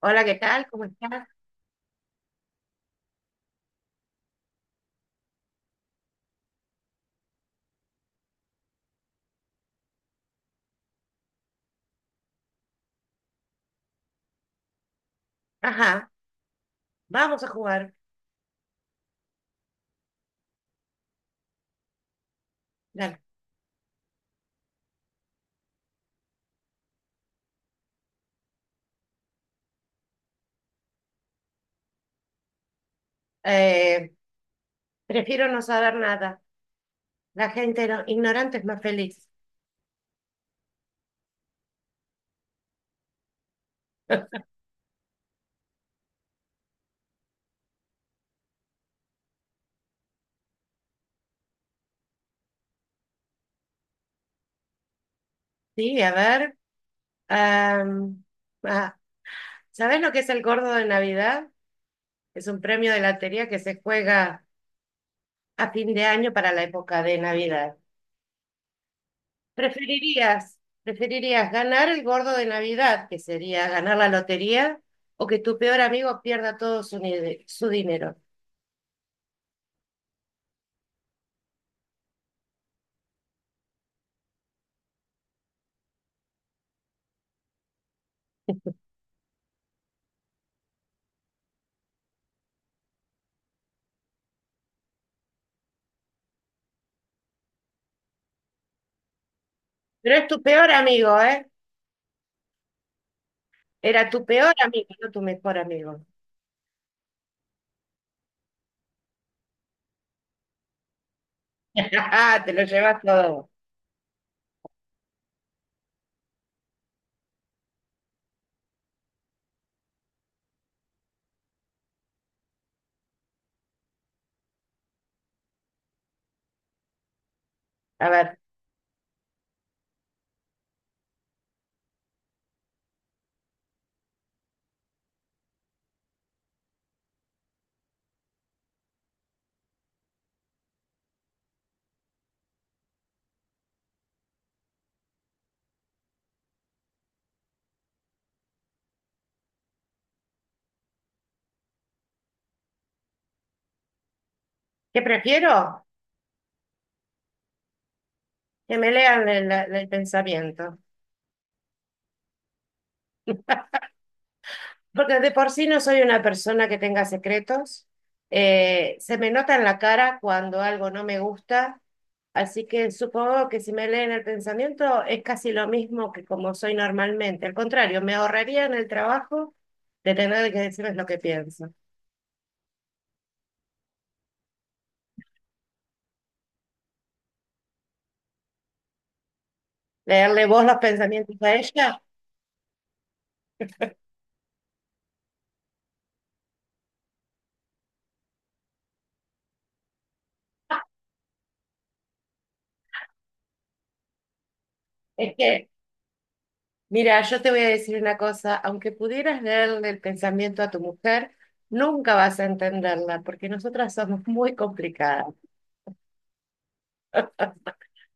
Hola, ¿qué tal? ¿Cómo estás? Ajá, vamos a jugar. Dale. Eh, prefiero no saber nada. La gente ignorante es más feliz. Sí, a ver. am, ah, ¿Sabés lo que es el gordo de Navidad? Es un premio de lotería que se juega a fin de año para la época de Navidad. ¿Preferirías ganar el gordo de Navidad, que sería ganar la lotería, o que tu peor amigo pierda todo su, ni- su dinero? Pero es tu peor amigo, ¿eh? Era tu peor amigo, no tu mejor amigo. Ah, te lo llevas todo. A ver, ¿qué prefiero? Que me lean el pensamiento. Porque de por sí no soy una persona que tenga secretos. Se me nota en la cara cuando algo no me gusta. Así que supongo que si me leen el pensamiento es casi lo mismo que como soy normalmente. Al contrario, me ahorraría en el trabajo de tener que decirles lo que pienso. Leerle vos los pensamientos a ella es que. Mira, yo te voy a decir una cosa, aunque pudieras leerle el pensamiento a tu mujer, nunca vas a entenderla, porque nosotras somos muy complicadas.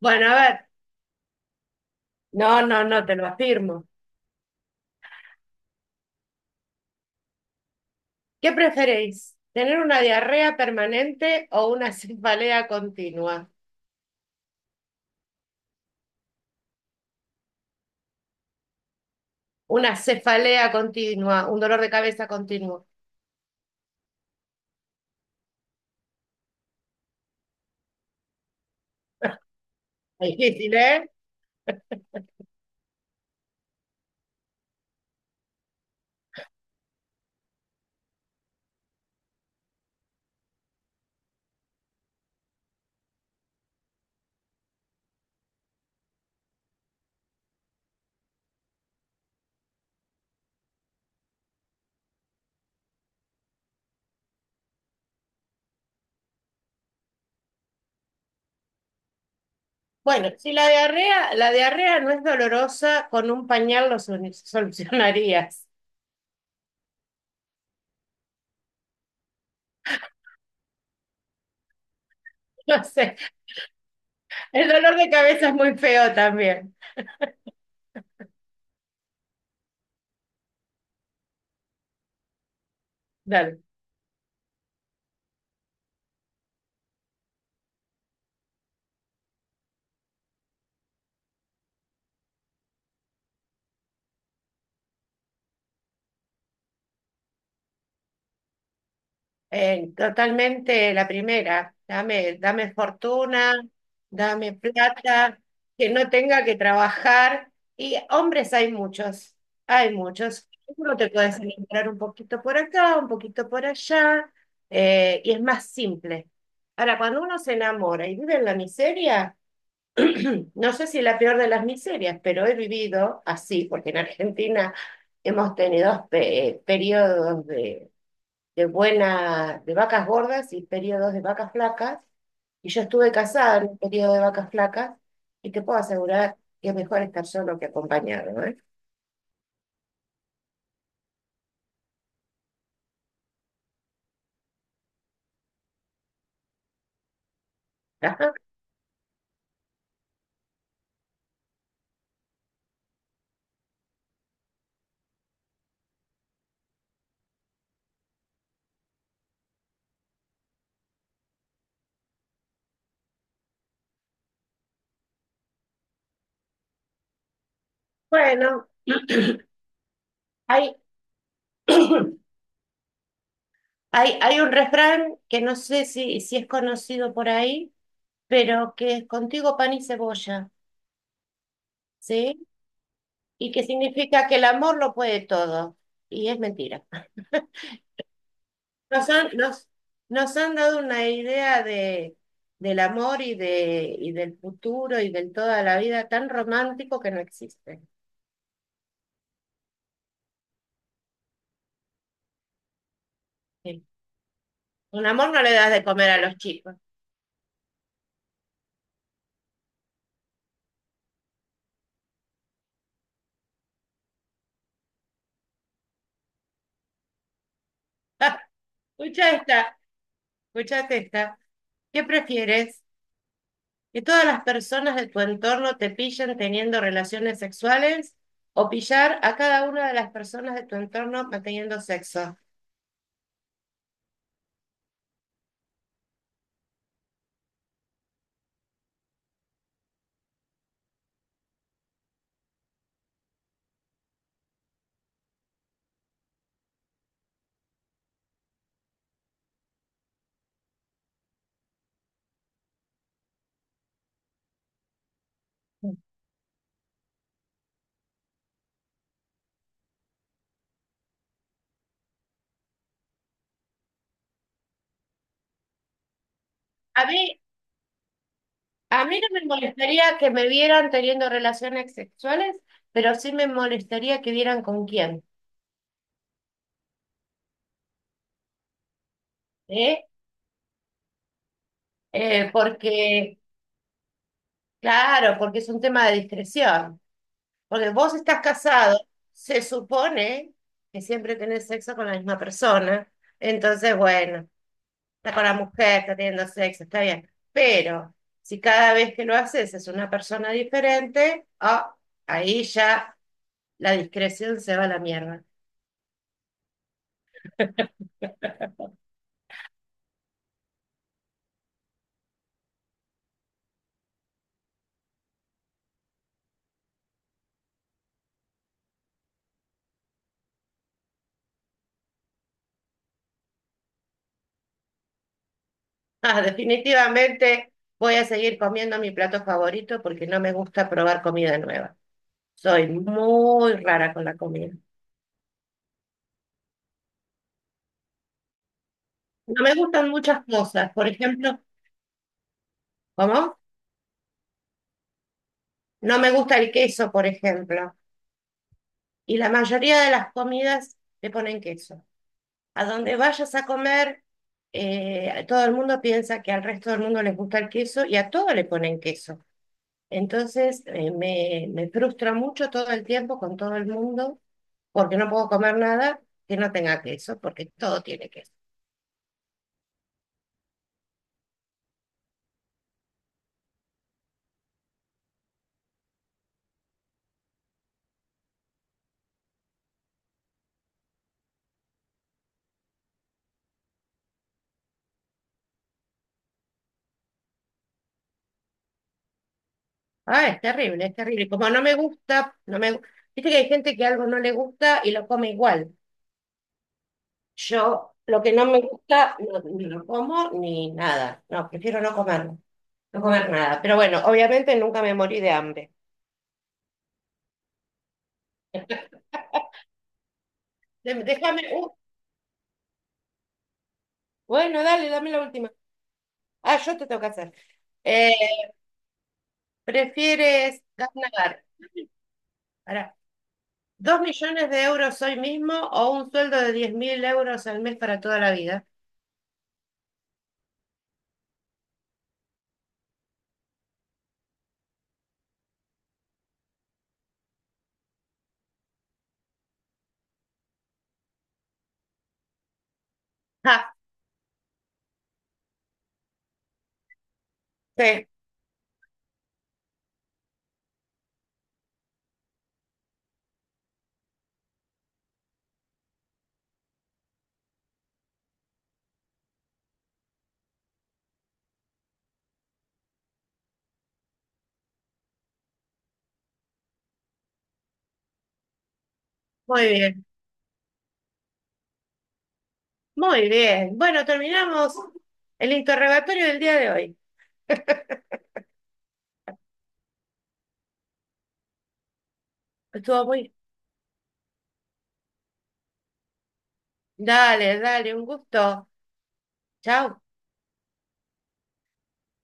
Bueno, a ver, no, no, no, te lo afirmo. ¿Qué preferís? ¿Tener una diarrea permanente o una cefalea continua? Una cefalea continua, un dolor de cabeza continuo. Es difícil, ¿eh? Bueno, si la diarrea no es dolorosa, con un pañal lo solucionarías. No sé. El dolor de cabeza es muy feo también. Dale. Totalmente la primera. Dame fortuna, dame plata, que no tenga que trabajar. Y hombres hay muchos, hay muchos. Uno te puedes encontrar un poquito por acá, un poquito por allá, y es más simple. Ahora, cuando uno se enamora y vive en la miseria, no sé si la peor de las miserias, pero he vivido así, porque en Argentina hemos tenido periodos de buena, de vacas gordas y periodos de vacas flacas, y yo estuve casada en un periodo de vacas flacas, y te puedo asegurar que es mejor estar solo que acompañado, ¿eh? Bueno, hay, hay un refrán que no sé si, si es conocido por ahí, pero que es contigo pan y cebolla, ¿sí? Y que significa que el amor lo puede todo. Y es mentira. Nos han, nos, nos han dado una idea de, del amor y del futuro y del toda la vida tan romántico que no existe. Sí. Un amor no le das de comer a los chicos. Ah, escucha esta, escuchate esta. ¿Qué prefieres? ¿Que todas las personas de tu entorno te pillen teniendo relaciones sexuales o pillar a cada una de las personas de tu entorno manteniendo sexo? A mí A mí no me molestaría que me vieran teniendo relaciones sexuales, pero sí me molestaría que vieran con quién, ¿eh? Porque, claro, porque es un tema de discreción. Porque vos estás casado, se supone que siempre tenés sexo con la misma persona. Entonces, bueno, está con la mujer, está teniendo sexo, está bien. Pero si cada vez que lo haces es una persona diferente, ah, ahí ya la discreción se va a la mierda. Ah, definitivamente voy a seguir comiendo mi plato favorito porque no me gusta probar comida nueva. Soy muy rara con la comida. No me gustan muchas cosas. Por ejemplo, ¿cómo? No me gusta el queso, por ejemplo. Y la mayoría de las comidas le ponen queso. A donde vayas a comer, todo el mundo piensa que al resto del mundo les gusta el queso y a todo le ponen queso. Entonces, me frustra mucho todo el tiempo con todo el mundo porque no puedo comer nada que no tenga queso, porque todo tiene queso. Ah, es terrible, es terrible. Como no me gusta, no me gu-. Viste que hay gente que algo no le gusta y lo come igual. Yo lo que no me gusta, no, ni lo como ni nada. No, prefiero no comerlo, no comer nada. Pero bueno, obviamente nunca me morí de hambre. Déjame, bueno, dale, dame la última. Ah, yo te tengo que hacer. Eh, ¿Prefieres ganar? Pará. ¿2 millones de euros hoy mismo o un sueldo de 10.000 euros al mes para toda la vida? Ah. Sí. Muy bien, muy bien. Bueno, terminamos el interrogatorio del día de hoy. Estuvo muy... Dale, dale, un gusto. Chao.